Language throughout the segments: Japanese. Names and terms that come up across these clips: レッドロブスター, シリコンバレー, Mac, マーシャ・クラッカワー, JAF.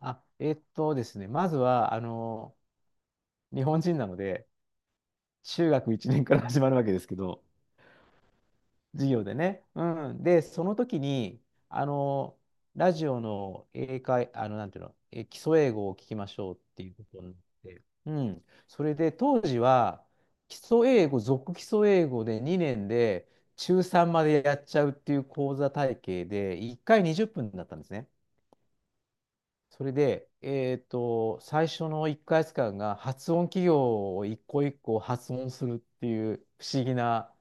あ、えっとですね、まずは、日本人なので、中学1年から始まるわけですけど、授業でね。うん。で、その時に、あの、ラジオのなんていうの、基礎英語を聞きましょうっていうことになって、うん。それで、当時は、基礎英語、続基礎英語で2年で、中3までやっちゃうっていう講座体系で、1回20分だったんですね。それで、最初の1ヶ月間が発音企業を一個一個発音するっていう不思議な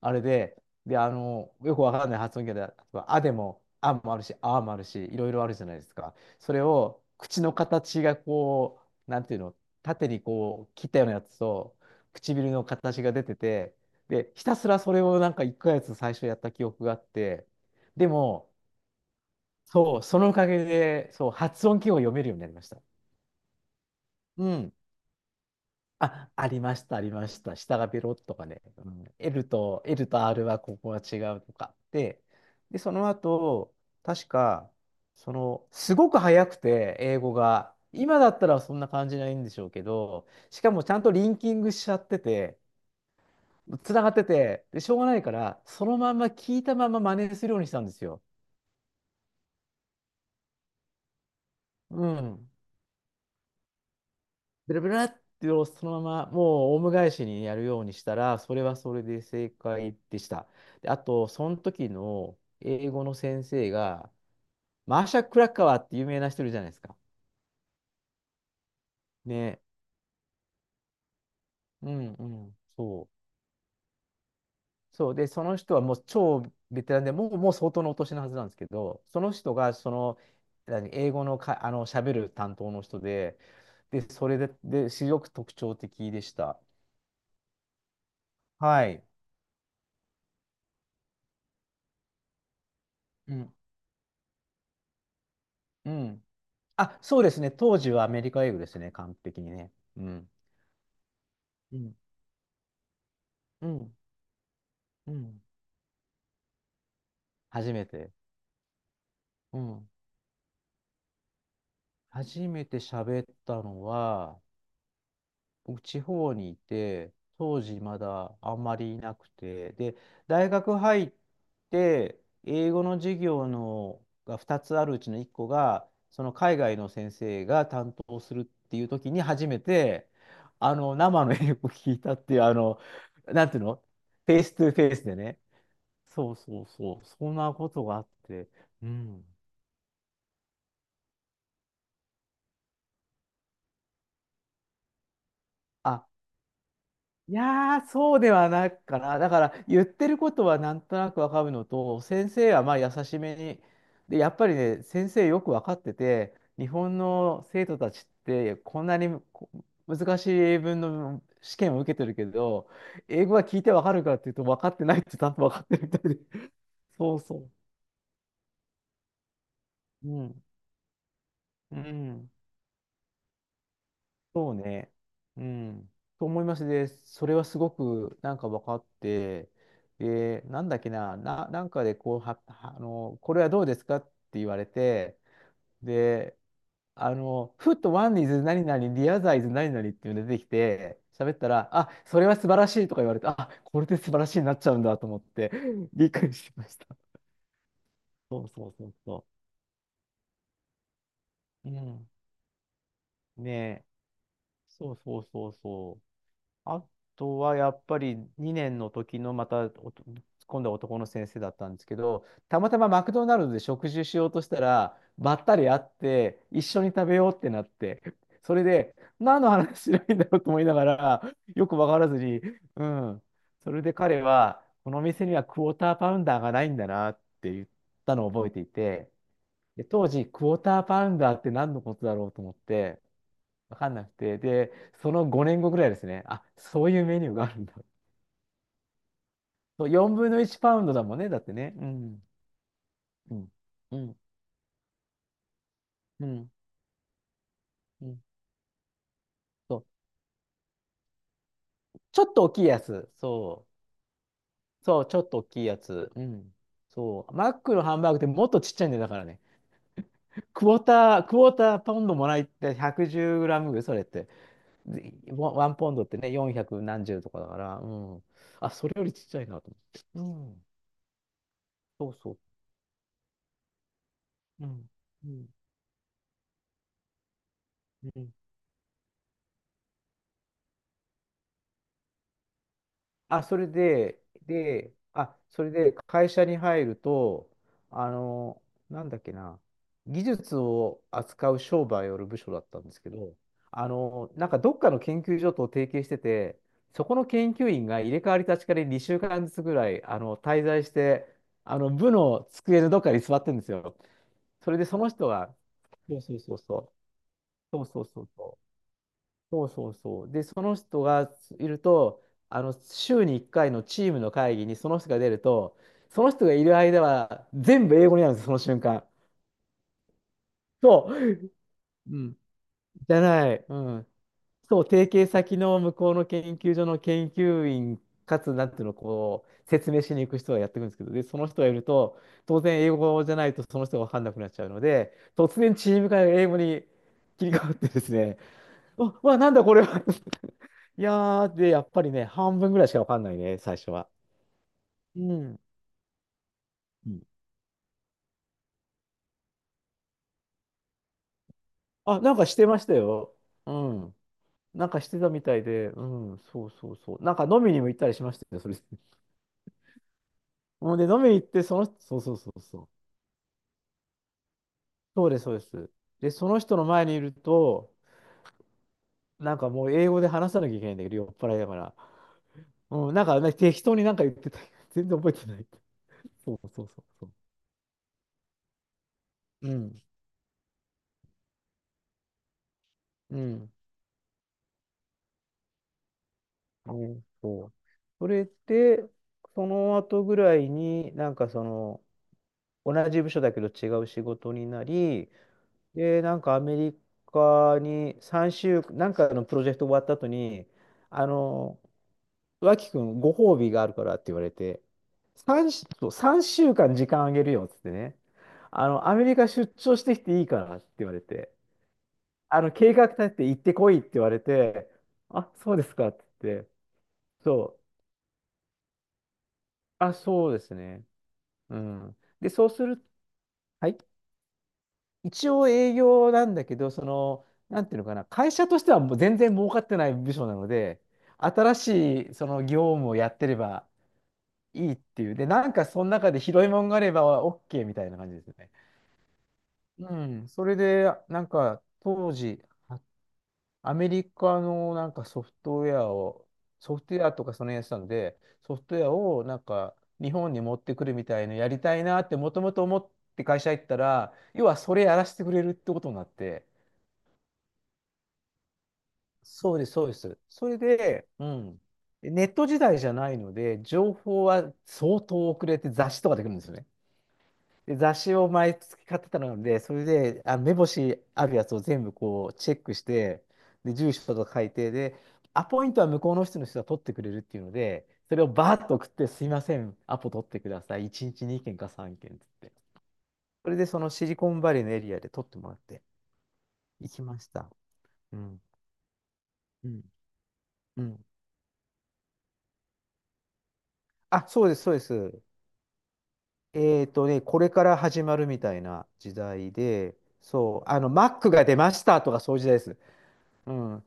あれで、よくわかんない発音企業で、例えばあでも、あもあるし、あもあるし、いろいろあるじゃないですか。それを口の形がこう、なんていうの、縦にこう切ったようなやつと、唇の形が出てて、で、ひたすらそれをなんか1ヶ月最初やった記憶があって、でも、そう、そのおかげで、そう、発音記号を読めるようになりました。うん。あ、ありました、ありました。下がベロッとかね。うん、L と R はここは違うとか。で、その後、確か、すごく早くて、英語が。今だったらそんな感じないんでしょうけど、しかもちゃんとリンキングしちゃってて、つながってて、で、しょうがないから、そのまんま聞いたまま真似するようにしたんですよ。うん。ブラブラってそのままもうオウム返しにやるようにしたら、それはそれで正解でした。で、あと、その時の英語の先生が、マーシャ・クラッカワーって有名な人いるじゃないですか。ね。うんうん。そう。そう。で、その人はもう超ベテランで、もう相当のお年のはずなんですけど、その人が何英語のか、喋る担当の人で、で、それで、すごく特徴的でした。はい。うん。うん。あ、そうですね。当時はアメリカ英語ですね。完璧にね。うん。うん。うん。うん。初めて。うん。初めて喋ったのは、僕、地方にいて、当時まだあんまりいなくて、で、大学入って、英語の授業のが2つあるうちの1個が、その海外の先生が担当するっていう時に初めて、生の英語を聞いたっていう、なんていうのフェイストゥフェイスでね。そうそうそう、そんなことがあって、うん。あ、いやー、そうではないかな。だから、言ってることはなんとなくわかるのと、先生はまあ優しめに、で、やっぱりね、先生よくわかってて、日本の生徒たちって、こんなに難しい英文の試験を受けてるけど、英語は聞いてわかるかっていうと、分かってないってちゃんと分かってるみたいで。そうそう。うん。うん。そうね。うん。と思います。で、それはすごくなんか分かって、で、なんだっけな、なんかでこうは、はこれはどうですかって言われて、で、ふっとワンイズ何々、リアザイズ何々っていうのが出てきて、喋ったら、あ、それは素晴らしいとか言われて、あ、これで素晴らしいになっちゃうんだと思って、びっくりしました。そうそうそうそう。うん。ねえ。そうそうそうそう。あとはやっぱり2年の時のまたおと今度は男の先生だったんですけど、たまたまマクドナルドで食事しようとしたら、ばったり会って、一緒に食べようってなって、それで、何の話しないんだろうと思いながら、よくわからずに、うん、それで彼は、この店にはクォーターパウンダーがないんだなって言ったのを覚えていて、で当時、クォーターパウンダーって何のことだろうと思って、わかんなくて、で、その5年後ぐらいですね、あ、そういうメニューがあるんだ。そう、4分の1パウンドだもんね、だってね。うん、うん、うん、うん、うん。そう、ちょっと大きいやつ。そう、そう、ちょっと大きいやつ。うん。そう、マックのハンバーグってもっとちっちゃいんだよ、だからね。クォーターパウンドもらいって110グラムぐらい、それって。でワンワンポンドってね、400何十とかだから、うん。あ、それよりちっちゃいなと思って。うん、そうそう。うん、うん、うん。あ、それで、それで会社に入ると、あの、なんだっけな、技術を扱う商売をやる部署だったんですけど、なんかどっかの研究所と提携してて、そこの研究員が入れ替わり立ち替わり2週間ずつぐらい、滞在して、部の机のどっかに座ってるんですよ。それでその人が、そうそうそうそう、そうそうそうそう。そうそうそう。で、その人がいると、週に1回のチームの会議にその人が出ると、その人がいる間は全部英語になるんです、その瞬間。そう。うん。じゃない。うん。そう、提携先の向こうの研究所の研究員、かつ、なんていうの、こう、説明しに行く人がやってくるんですけど、で、その人がいると、当然英語じゃないとその人が分かんなくなっちゃうので、突然チーム会が英語に切り替わってですね、あ、わ、なんだこれは。 いやー、で、やっぱりね、半分ぐらいしかわかんないね、最初は。うん。うん。あ、なんかしてましたよ。うん。なんかしてたみたいで、うん、そうそうそう。なんか飲みにも行ったりしましたよ、それで。もうで、飲みに行って、その人、そうそうそうそう。そうです、そうです。で、その人の前にいると、なんかもう英語で話さなきゃいけないんだけど、酔っ払いだから。うん、なんか、ね、適当になんか言ってた。全然覚えてない。そうそうそうそう。うん、うん。おそう。それで、その後ぐらいに、なんかその、同じ部署だけど違う仕事になり、で、なんかアメリカに3週、なんかのプロジェクト終わった後に、あの、脇くん、ご褒美があるからって言われて、3、そう週間時間あげるよっつってね、アメリカ出張してきていいからって言われて、計画立てて行ってこいって言われて、あ、そうですかって言って、そう、あ、そうですね。うん。で、そうする、はい。一応営業なんだけど、なんていうのかな、会社としてはもう全然儲かってない部署なので、新しいその業務をやってればいいっていう。で、なんかその中で拾いもんがあれば OK みたいな感じですね。うん。それで、なんか当時、はアメリカのなんかソフトウェアを、ソフトウェアとかそのやつなんで、ソフトウェアをなんか日本に持ってくるみたいなやりたいなってもともと思って会社行ったら、要はそれやらせてくれるってことになって、そうです、そうです。それで、うん。ネット時代じゃないので、情報は相当遅れて雑誌とかできるんですよね。で雑誌を毎月買ってたので、それで、あ、目星あるやつを全部こうチェックして、で、住所とか書いて、で、アポイントは向こうの人が取ってくれるっていうので、それをバーッと送って、すいません、アポ取ってください。1日2件か3件っつって。それで、そのシリコンバレーのエリアで取ってもらって行きました。うん。うん。うん。あ、そうです、そうです。ね、これから始まるみたいな時代で、そう、あの、Mac が出ましたとかそういう時代です。うん。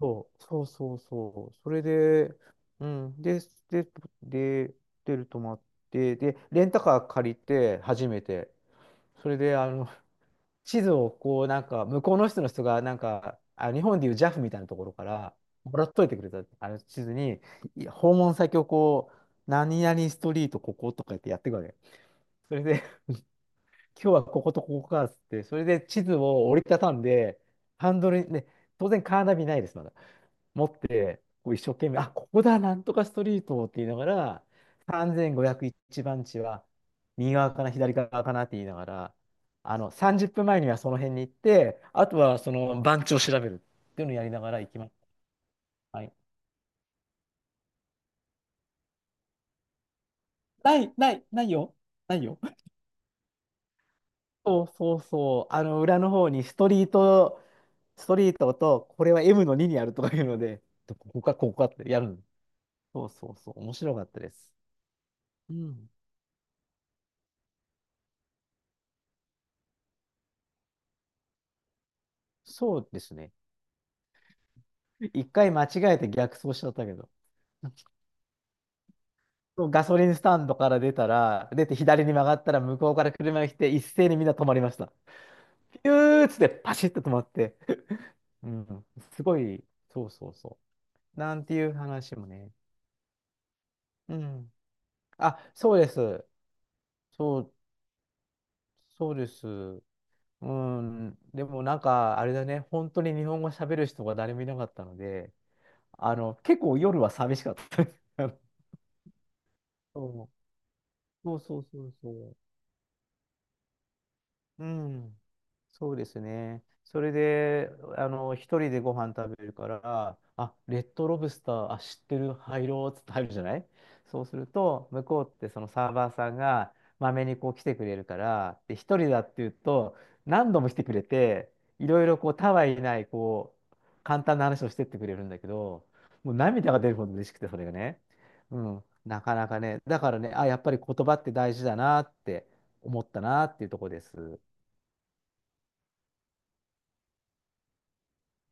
そう、そうそうそう。それで、うん。で、で、で、ホるとまって、で、レンタカー借りて、初めて。それで、あの、地図をこう、なんか、向こうの人が、なんか、あ、日本でいう JAF みたいなところから、もらっといてくれた、あの地図に、訪問先をこう、何々ストリートこことかやってやってくわけ。それで、今日はこことここかっつって、それで地図を折りたたんで、ハンドルに、ね、当然カーナビないです、まだ。持って、こう一生懸命、あ、ここだ、なんとかストリートって言いながら、3501番地は右側かな、左側かなって言いながら、あの、30分前にはその辺に行って、あとはその番地を調べるっていうのをやりながら行きます。はい。ない、ない、ないよ。ないよ。そうそうそう。あの、裏の方にストリート、ストリートと、これは M の2にあるとかいうので、ここか、ここかってやるの。そうそうそう。面白かったです。うん。そうですね。一回間違えて逆走しちゃったけど。そうガソリンスタンドから出たら、出て左に曲がったら向こうから車が来て一斉にみんな止まりました。ピューっつってパシッと止まって。うん。すごい、そうそうそう。なんていう話もね。うん。あ、そうです。そう、そうです。うん。でもなんか、あれだね。本当に日本語喋る人が誰もいなかったので、あの、結構夜は寂しかった。あのそうそうそうそうそう。うん。そうですね。それで、あの、一人でご飯食べるから、あ、レッドロブスター、あ、知ってる、入ろうっつって入るじゃない。そうすると、向こうってそのサーバーさんが、まめにこう来てくれるから、で、一人だっていうと、何度も来てくれて、いろいろこう、たわいない、こう、簡単な話をしてってくれるんだけど、もう涙が出るほど嬉しくて、それがね。うん、なかなかね、だからね、あ、やっぱり言葉って大事だなって思ったなっていうところです。